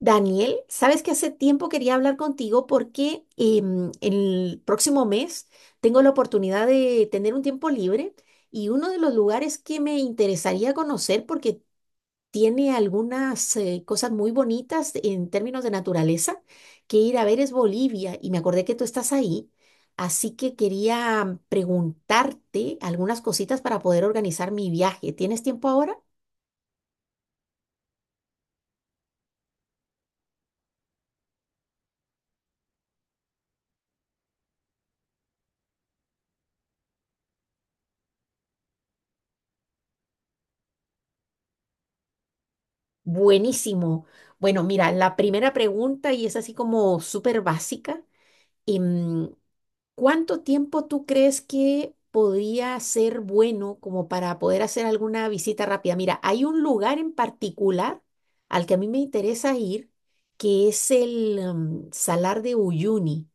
Daniel, sabes que hace tiempo quería hablar contigo porque el próximo mes tengo la oportunidad de tener un tiempo libre y uno de los lugares que me interesaría conocer porque tiene algunas cosas muy bonitas en términos de naturaleza que ir a ver es Bolivia, y me acordé que tú estás ahí, así que quería preguntarte algunas cositas para poder organizar mi viaje. ¿Tienes tiempo ahora? Buenísimo. Bueno, mira, la primera pregunta, y es así como súper básica, em, ¿cuánto tiempo tú crees que podría ser bueno como para poder hacer alguna visita rápida? Mira, hay un lugar en particular al que a mí me interesa ir, que es el, Salar de Uyuni.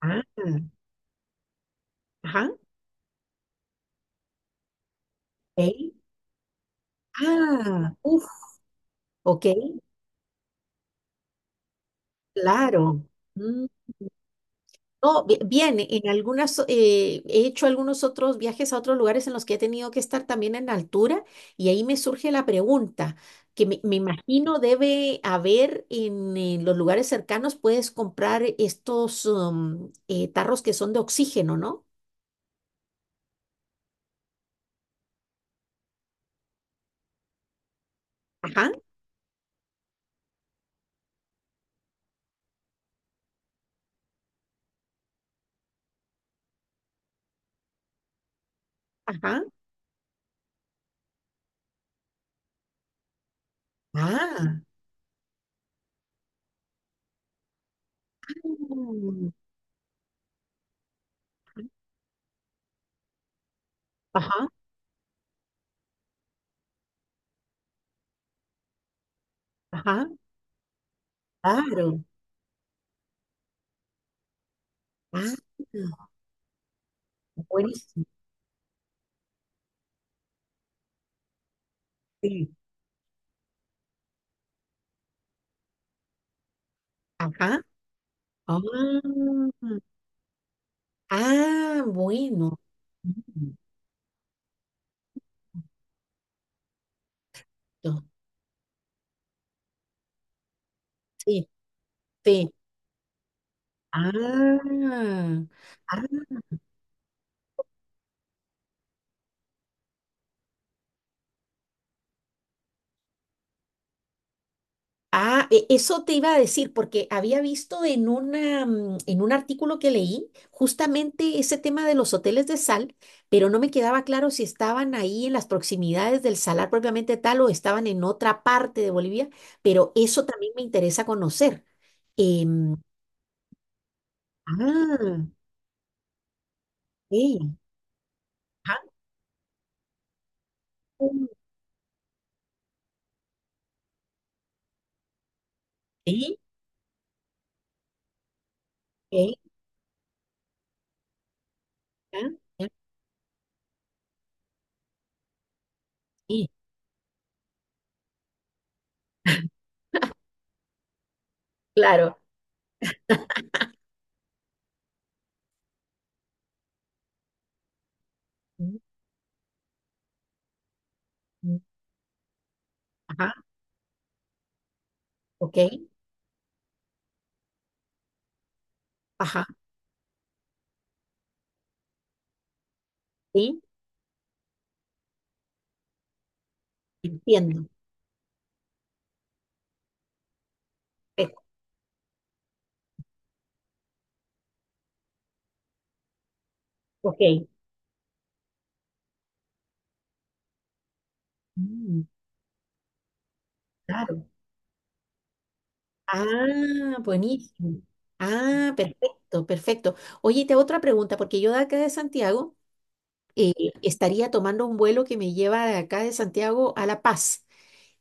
Ah, ajá. Ok. Ah, uf, ok, claro. Mm. No, bien, he hecho algunos otros viajes a otros lugares en los que he tenido que estar también en altura, y ahí me surge la pregunta, que me imagino debe haber en, los lugares cercanos, puedes comprar estos tarros que son de oxígeno, ¿no? Ajá, ajá, ah, mm, ajá, ajá, claro, ah, buenísimo, sí, ajá, ah, ah, bueno. Exacto, sí, sí. Ah, ah, ah, eso te iba a decir, porque había visto en un artículo que leí justamente ese tema de los hoteles de sal, pero no me quedaba claro si estaban ahí en las proximidades del salar propiamente tal o estaban en otra parte de Bolivia, pero eso también me interesa conocer. Em, ah, sí, ah, sí, sí, ah, sí. Claro. Mm, mm, ajá, ok. Ajá, sí, entiendo. Eh, ok. Mm, claro. Ah, buenísimo. Ah, perfecto, perfecto. Oye, y te hago otra pregunta, porque yo de acá de Santiago eh, estaría tomando un vuelo que me lleva de acá de Santiago a La Paz.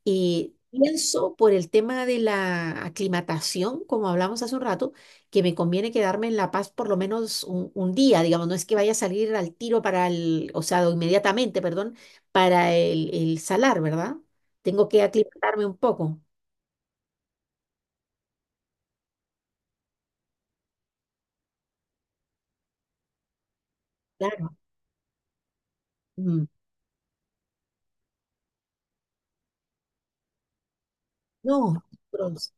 Y pienso por el tema de la aclimatación, como hablamos hace un rato, que me conviene quedarme en La Paz por lo menos un día, digamos, no es que vaya a salir al tiro para el, o sea, o inmediatamente, perdón, para el salar, ¿verdad? Tengo que aclimatarme un poco, claro. Mm. No, bronce.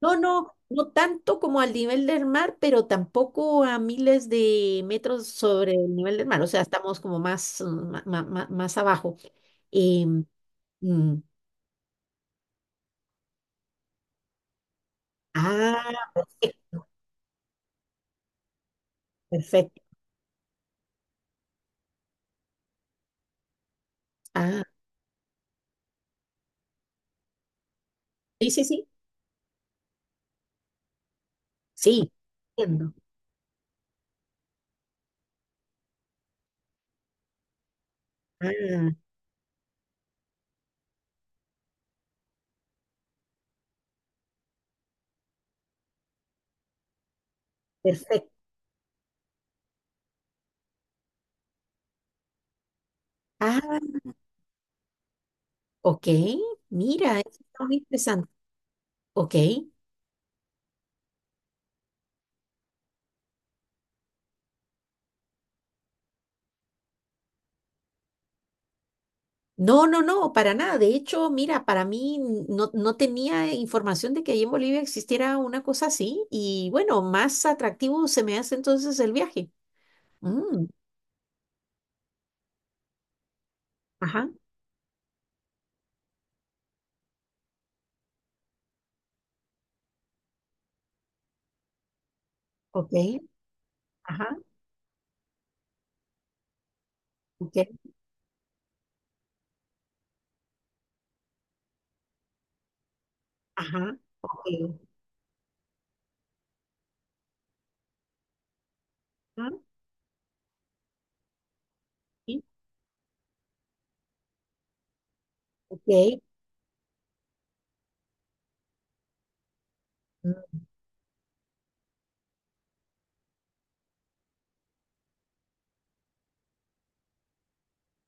No, no, no tanto como al nivel del mar, pero tampoco a miles de metros sobre el nivel del mar, o sea, estamos como más, más abajo. Em, Mm. Ah, perfecto, perfecto. Ah, sí, sí, sí, sí, entiendo. Ah, perfecto. Ah, ok, mira, eso está muy interesante. Ok, no, no, no, para nada. De hecho, mira, para mí no, no tenía información de que ahí en Bolivia existiera una cosa así, y bueno, más atractivo se me hace entonces el viaje. Mm, ajá, ok, ajá, ok, ajá, ok, ajá, sí, ok. Mm.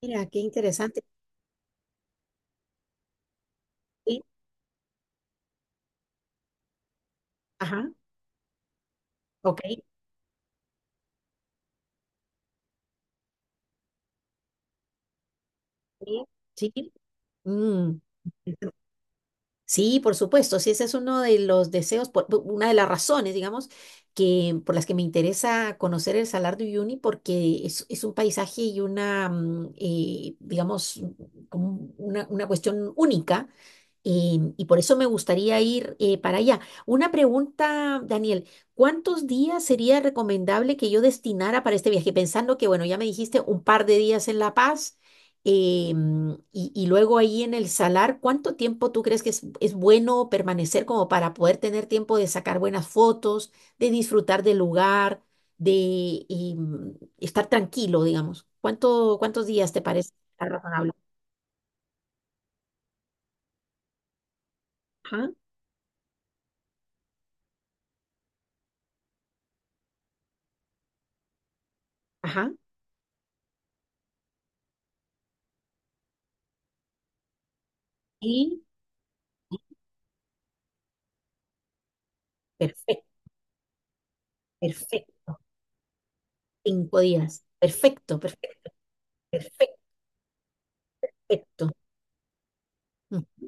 Mira, qué interesante. Sí, ajá, ok. Sí, sí. Mm. Sí, por supuesto. Sí, ese es uno de los deseos, una de las razones, digamos, que por las que me interesa conocer el Salar de Uyuni, porque es un paisaje y una, digamos, como una cuestión única. Y por eso me gustaría ir para allá. Una pregunta, Daniel, ¿cuántos días sería recomendable que yo destinara para este viaje? Pensando que, bueno, ya me dijiste un par de días en La Paz, y luego ahí en el Salar, ¿cuánto tiempo tú crees que es bueno permanecer como para poder tener tiempo de sacar buenas fotos, de disfrutar del lugar, de estar tranquilo, digamos? ¿Cuántos días te parece razonable? Ajá, ajá, y perfecto. Perfecto, 5 días. Perfecto, perfecto, perfecto. Mm.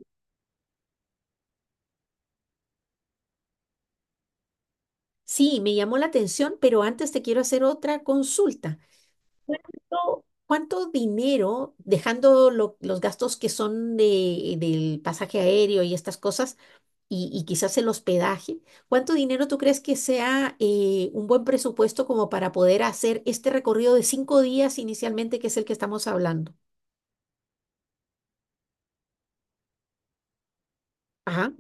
Sí, me llamó la atención, pero antes te quiero hacer otra consulta. ¿Cuánto dinero, dejando los gastos que son del pasaje aéreo y estas cosas, y, quizás el hospedaje, cuánto dinero tú crees que sea un buen presupuesto como para poder hacer este recorrido de 5 días inicialmente, que es el que estamos hablando? Ajá.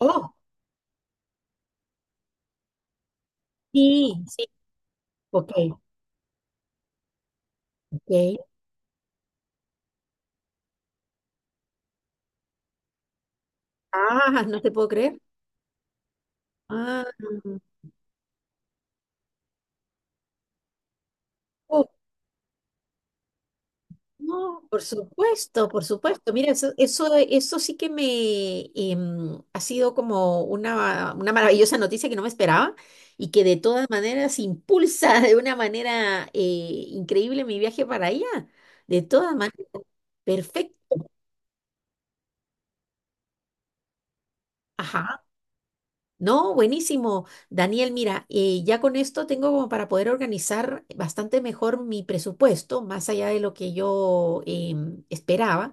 Oh, sí, sí. Ok, ok. Ah, no te puedo creer. Ah, oh, no, por supuesto, por supuesto. Mira, eso sí que me ha sido como una maravillosa noticia que no me esperaba, y que de todas maneras impulsa de una manera increíble mi viaje para allá. De todas maneras, perfecto. Ajá. No, buenísimo. Daniel, mira, ya con esto tengo como para poder organizar bastante mejor mi presupuesto, más allá de lo que yo esperaba,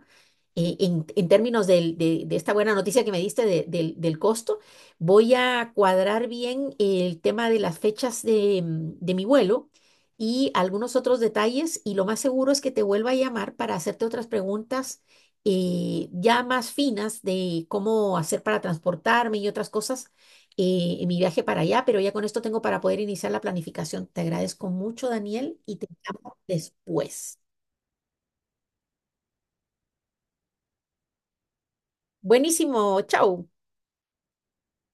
en términos de esta buena noticia que me diste del costo. Voy a cuadrar bien el tema de las fechas de mi vuelo, y algunos otros detalles, y lo más seguro es que te vuelva a llamar para hacerte otras preguntas, ya más finas de cómo hacer para transportarme y otras cosas en mi viaje para allá, pero ya con esto tengo para poder iniciar la planificación. Te agradezco mucho, Daniel, y te llamo después. Buenísimo, chao.